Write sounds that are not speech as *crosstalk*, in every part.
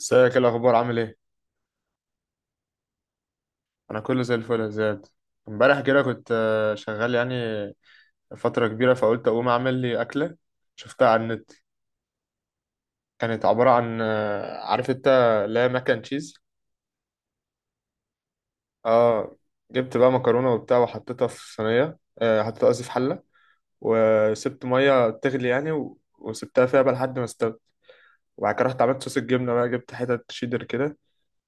ازيك؟ ايه الاخبار؟ عامل ايه؟ انا كله زي الفل يا زياد. امبارح كده كنت شغال يعني فتره كبيره، فقلت اقوم اعمل لي اكله شفتها على النت. كانت عباره عن عارف انت، لا، ماك اند تشيز. اه، جبت بقى مكرونه وبتاع وحطيتها في صينيه، حطيتها قصدي في حله، وسبت ميه تغلي يعني وسبتها فيها بقى لحد ما استوت. وبعد كده رحت عملت صوص الجبنه بقى، جبت حتت شيدر كده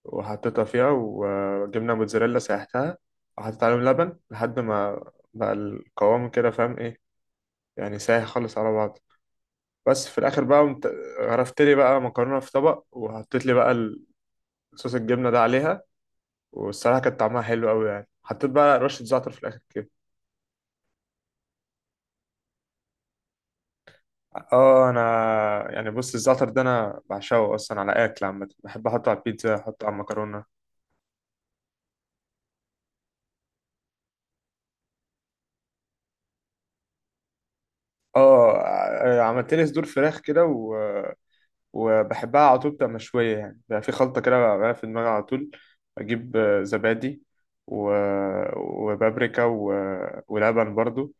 وحطيتها فيها، وجبنا موتزاريلا سيحتها وحطيت عليهم لبن لحد ما بقى القوام كده، فاهم ايه؟ يعني سايح خالص على بعض. بس في الاخر بقى قمت غرفت لي بقى مكرونه في طبق، وحطيت لي بقى صوص الجبنه ده عليها. والصراحه كان طعمها حلو قوي يعني، حطيت بقى رشه زعتر في الاخر كده. اه، انا يعني بص، الزعتر ده انا بعشقه اصلا على اكل عامه، بحب احطه على البيتزا، احطه على المكرونه. اه، عملت لي صدور فراخ كده، وبحبها على طول بتبقى مشوية، يعني بقى في خلطة كده بقى في دماغي على طول. أجيب زبادي و... وبابريكا و... ولبن برضو،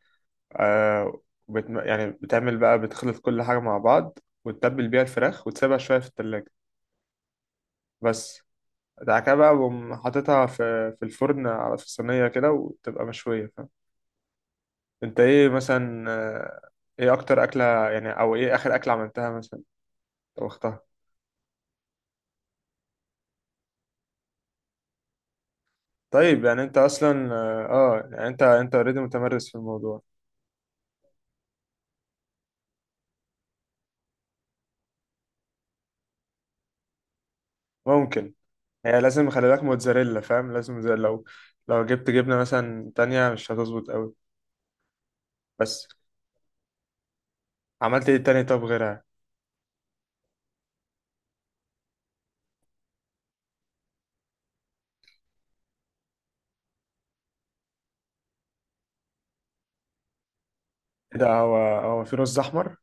آه. يعني بتعمل بقى، بتخلط كل حاجة مع بعض وتتبل بيها الفراخ وتسيبها شوية في التلاجة، بس. بعد كده بقى بقوم حاططها في الفرن، على في الصينية كده، وتبقى مشوية، فاهم؟ أنت إيه مثلا؟ إيه أكتر أكلة يعني، أو إيه آخر أكلة عملتها مثلا، طبختها؟ طيب يعني انت اصلا، اه، يعني انت اوريدي متمرس في الموضوع. ممكن. هي لازم خلي بالك موتزاريلا، فاهم؟ لازم. زي لو لو جبت جبنه مثلا تانية مش هتظبط قوي. بس عملت ايه تاني؟ طب غيرها؟ ايه ده؟ هو في رز احمر؟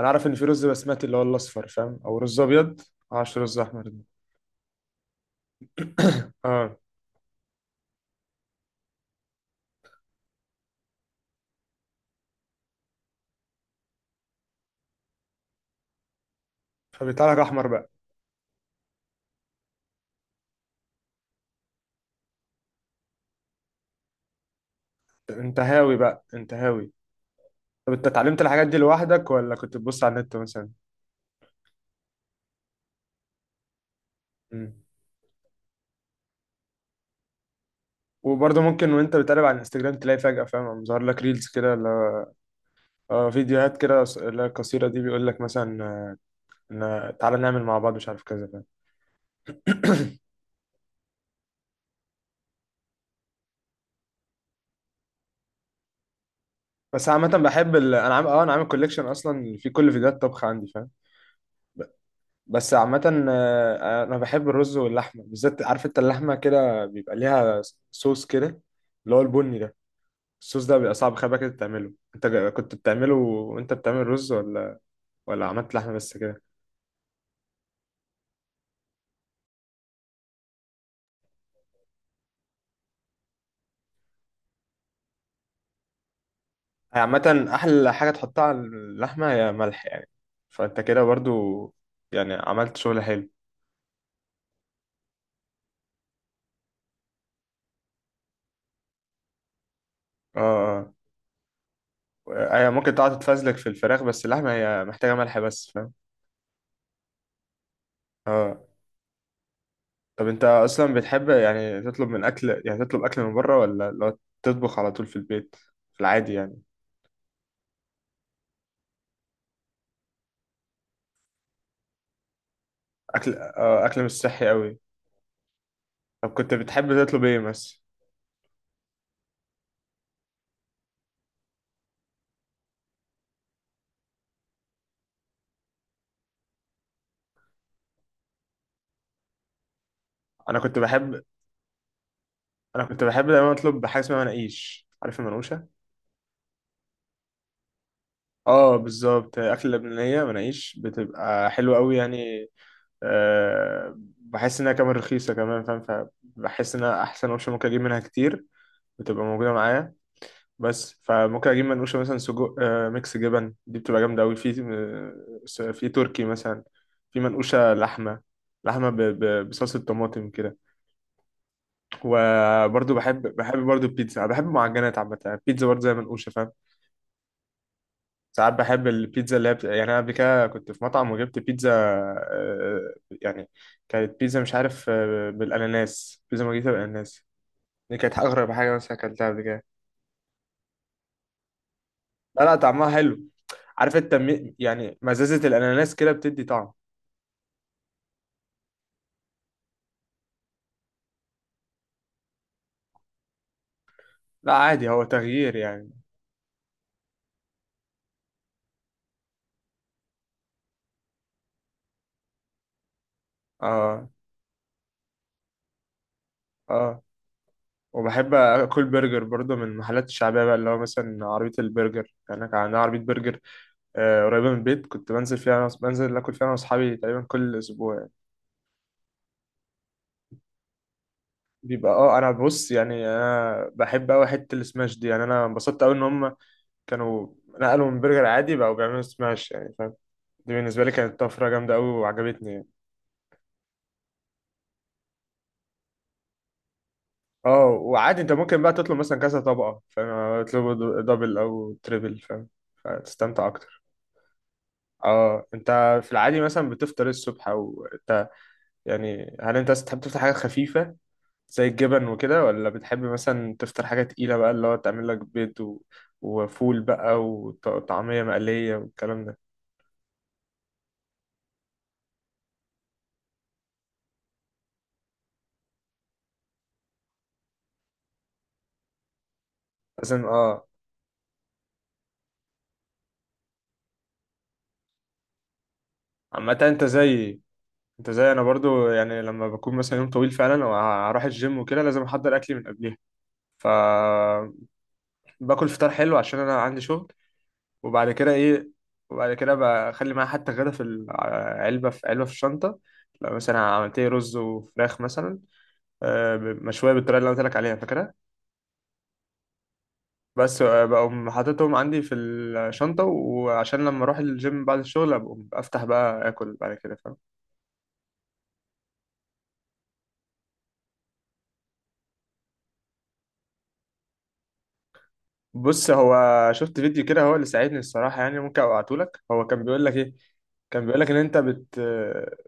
انا عارف ان في رز بسمتي اللي هو الاصفر، فاهم، او رز ابيض. معرفش رز احمر ده. *coughs* اه. فبيطلع لك احمر بقى. انت هاوي بقى، انت هاوي. طب انت اتعلمت الحاجات دي لوحدك، ولا كنت بتبص على النت مثلا؟ وبرضه ممكن وانت بتقلب على الانستجرام تلاقي فجأة، فاهم، ظهر لك ريلز كده اه، فيديوهات كده، اللي هي القصيرة دي، بيقول لك مثلا، ان تعالى نعمل مع بعض مش عارف كذا، فاهم. بس عامة بحب انا عامل اه، انا عامل كوليكشن اصلا في كل فيديوهات طبخ عندي، فاهم. ب- بس عامة، انا بحب الرز واللحمة بالذات، عارف انت، اللحمة كده بيبقى ليها صوص كده اللي هو البني ده. الصوص ده بيبقى صعب خبأ كده تعمله. انت كنت بتعمله وانت بتعمل رز، ولا ولا عملت لحمة بس كده؟ هي عامة أحلى حاجة تحطها على اللحمة هي ملح يعني. فأنت كده برضو يعني عملت شغل حلو. اه اه، هي ممكن تقعد تتفزلك في الفراخ، بس اللحمة هي محتاجة ملح بس، فاهم. اه. طب أنت أصلا بتحب يعني تطلب من أكل، يعني تطلب أكل من بره، ولا لو تطبخ على طول في البيت في العادي يعني؟ أكل اه، أكل مش صحي أوي. طب كنت بتحب تطلب إيه مثلا؟ أنا كنت بحب أنا كنت بحب دايما أطلب حاجة اسمها مناقيش، عارف المنقوشة؟ اه بالظبط، اكل لبنانيه، مناقيش بتبقى حلوه قوي يعني. أه بحس انها كمان رخيصه كمان، فاهم، فبحس انها احسن اوبشن ممكن اجيب منها كتير، بتبقى موجوده معايا بس. فممكن اجيب منقوشه مثلا سجق، أه، ميكس جبن، دي بتبقى جامده قوي، في في تركي مثلا، في منقوشه لحمه، لحمه بصلصه طماطم كده. وبرضه بحب برضه البيتزا، أنا بحب المعجنات عامه، البيتزا برضه زي منقوشه، فاهم؟ ساعات بحب البيتزا اللي هي يعني انا قبل كده كنت في مطعم وجبت بيتزا، يعني كانت بيتزا مش عارف، بالاناناس، بيتزا مارجريتا بالاناناس. دي كانت اغرب حاجه مثلا اكلتها قبل كده. لا لا، طعمها حلو، عارف انت، يعني مزازه الاناناس كده بتدي طعم. لا عادي، هو تغيير يعني. اه اه. وبحب اكل برجر برضه من المحلات الشعبيه بقى، اللي هو مثلا عربيه البرجر، يعني كان عندنا عربيه برجر قريبه من البيت، كنت بنزل فيها أنا بنزل اكل فيها انا واصحابي تقريبا كل اسبوع. بيبقى اه، انا بص يعني، انا بحب قوي حته السماش دي، يعني انا انبسطت قوي ان هم كانوا نقلوا من برجر عادي بقوا بيعملوا سماش، يعني فاهم، دي بالنسبه لي كانت طفره جامده قوي وعجبتني يعني. اه وعادي انت ممكن بقى تطلب مثلا كذا طبقه، فاهم، اطلب دبل او تريبل، فاهم، فتستمتع اكتر. اه. انت في العادي مثلا بتفطر إيه الصبح، او انت يعني هل انت تحب تفطر حاجه خفيفه زي الجبن وكده، ولا بتحب مثلا تفطر حاجة تقيلة بقى اللي هو تعمل لك بيض و... وفول بقى وطعمية مقلية والكلام ده؟ لازم، اه. عامة انت زيي، انت زي انا برضو، يعني لما بكون مثلا يوم طويل فعلا واروح الجيم وكده لازم احضر اكلي من قبلها. ف باكل فطار حلو عشان انا عندي شغل. وبعد كده ايه، وبعد كده بخلي معايا حتى غدا في العلبة، في علبة في الشنطة. لو مثلا عملت لي رز وفراخ مثلا مشوية بالطريقة اللي أنا قلت لك عليها، فاكرها. بس بقوم حاططهم عندي في الشنطة، وعشان لما أروح الجيم بعد الشغل أبقى أفتح بقى آكل بعد كده، فاهم. بص، هو شفت فيديو كده هو اللي ساعدني الصراحة يعني، ممكن أبعتهولك، هو كان بيقول لك إيه، كان بيقول لك إن أنت بت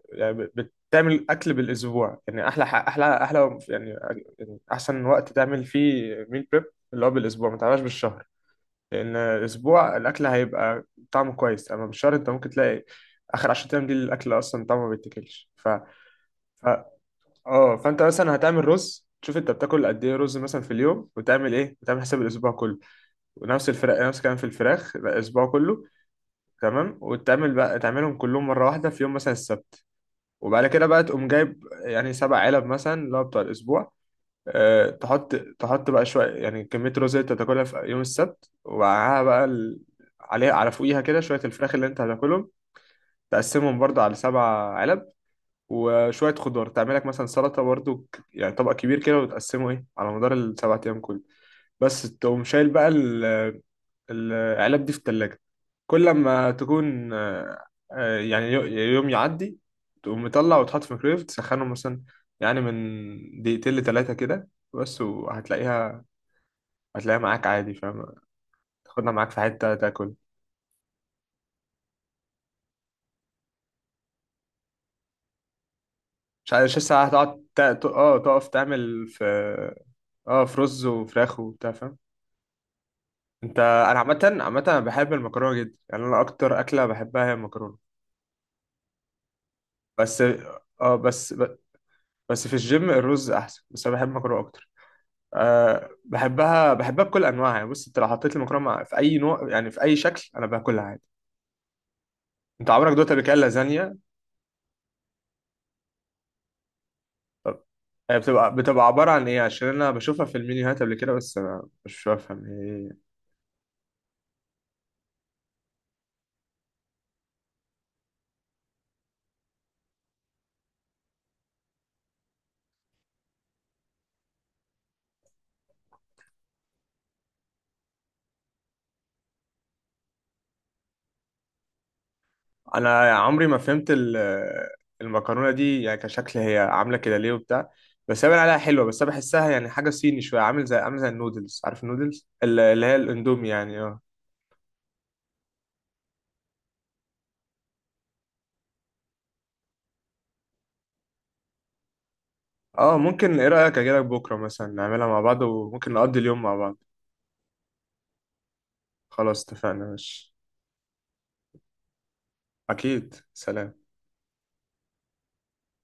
يعني بت- بتعمل أكل بالأسبوع، يعني أحلى ح- أحلى أحلى يعني، يعني أحسن وقت تعمل فيه ميل بريب اللي هو بالأسبوع، ما تعملهاش بالشهر. لأن الأسبوع الأكل هيبقى طعمه كويس، أما بالشهر أنت ممكن تلاقي آخر 10 أيام دي الأكل أصلا طعمه ما بيتاكلش. ف اه، فانت مثلا هتعمل رز، تشوف انت بتاكل قد ايه رز مثلا في اليوم، وتعمل ايه، وتعمل حساب الاسبوع كله. ونفس الفراخ، نفس الكلام في الفراخ الاسبوع كله، تمام. وتعمل بقى تعملهم كلهم مره واحده في يوم مثلا السبت، وبعد كده بقى تقوم جايب يعني سبع علب مثلا اللي هو بتاع الاسبوع. أه، تحط بقى شويه، يعني كميه الرز اللي انت هتاكلها في يوم السبت، ومعاها بقى عليها على فوقيها كده شويه الفراخ اللي انت هتاكلهم. تقسمهم برضه على سبع علب. وشوية خضار تعمل لك مثلا سلطة برضو، يعني طبق كبير كده وتقسمه ايه على مدار السبع أيام كله. بس تقوم شايل بقى العلب دي في التلاجة. كل لما تكون يعني يوم يعدي تقوم مطلع وتحط في الميكرويف تسخنه مثلا يعني من دقيقتين لتلاتة كده بس، وهتلاقيها معاك عادي، فاهم، تاخدها معاك في حتة تاكل. مش عارف، مش لسه هتقعد اه تقف تعمل في اه في رز وفراخ وبتاع، فاهم. انت انا عامه انا بحب المكرونه جدا يعني، انا اكتر اكله بحبها هي المكرونه بس. اه بس، بس في الجيم الرز احسن، بس انا بحب المكرونه اكتر. أه بحبها بكل انواعها يعني، بص انت لو حطيت لي في اي نوع يعني في اي شكل، انا باكلها عادي. انت عمرك دوت قبل كده لازانيا؟ طب هي بتبقى عباره عن ايه؟ عشان انا بشوفها في المنيوهات قبل كده بس انا مش بفهم هي إيه. انا عمري ما فهمت المكرونه دي يعني كشكل، هي عامله كده ليه وبتاع، بس هي باين عليها حلوه، بس انا بحسها يعني حاجه صيني شويه، عامل زي، عامل زي النودلز، عارف النودلز اللي هي الاندومي يعني. اه اه، ممكن. ايه رايك اجي لك بكره مثلا نعملها مع بعض وممكن نقضي اليوم مع بعض؟ خلاص، اتفقنا، ماشي. اكيد، سلام.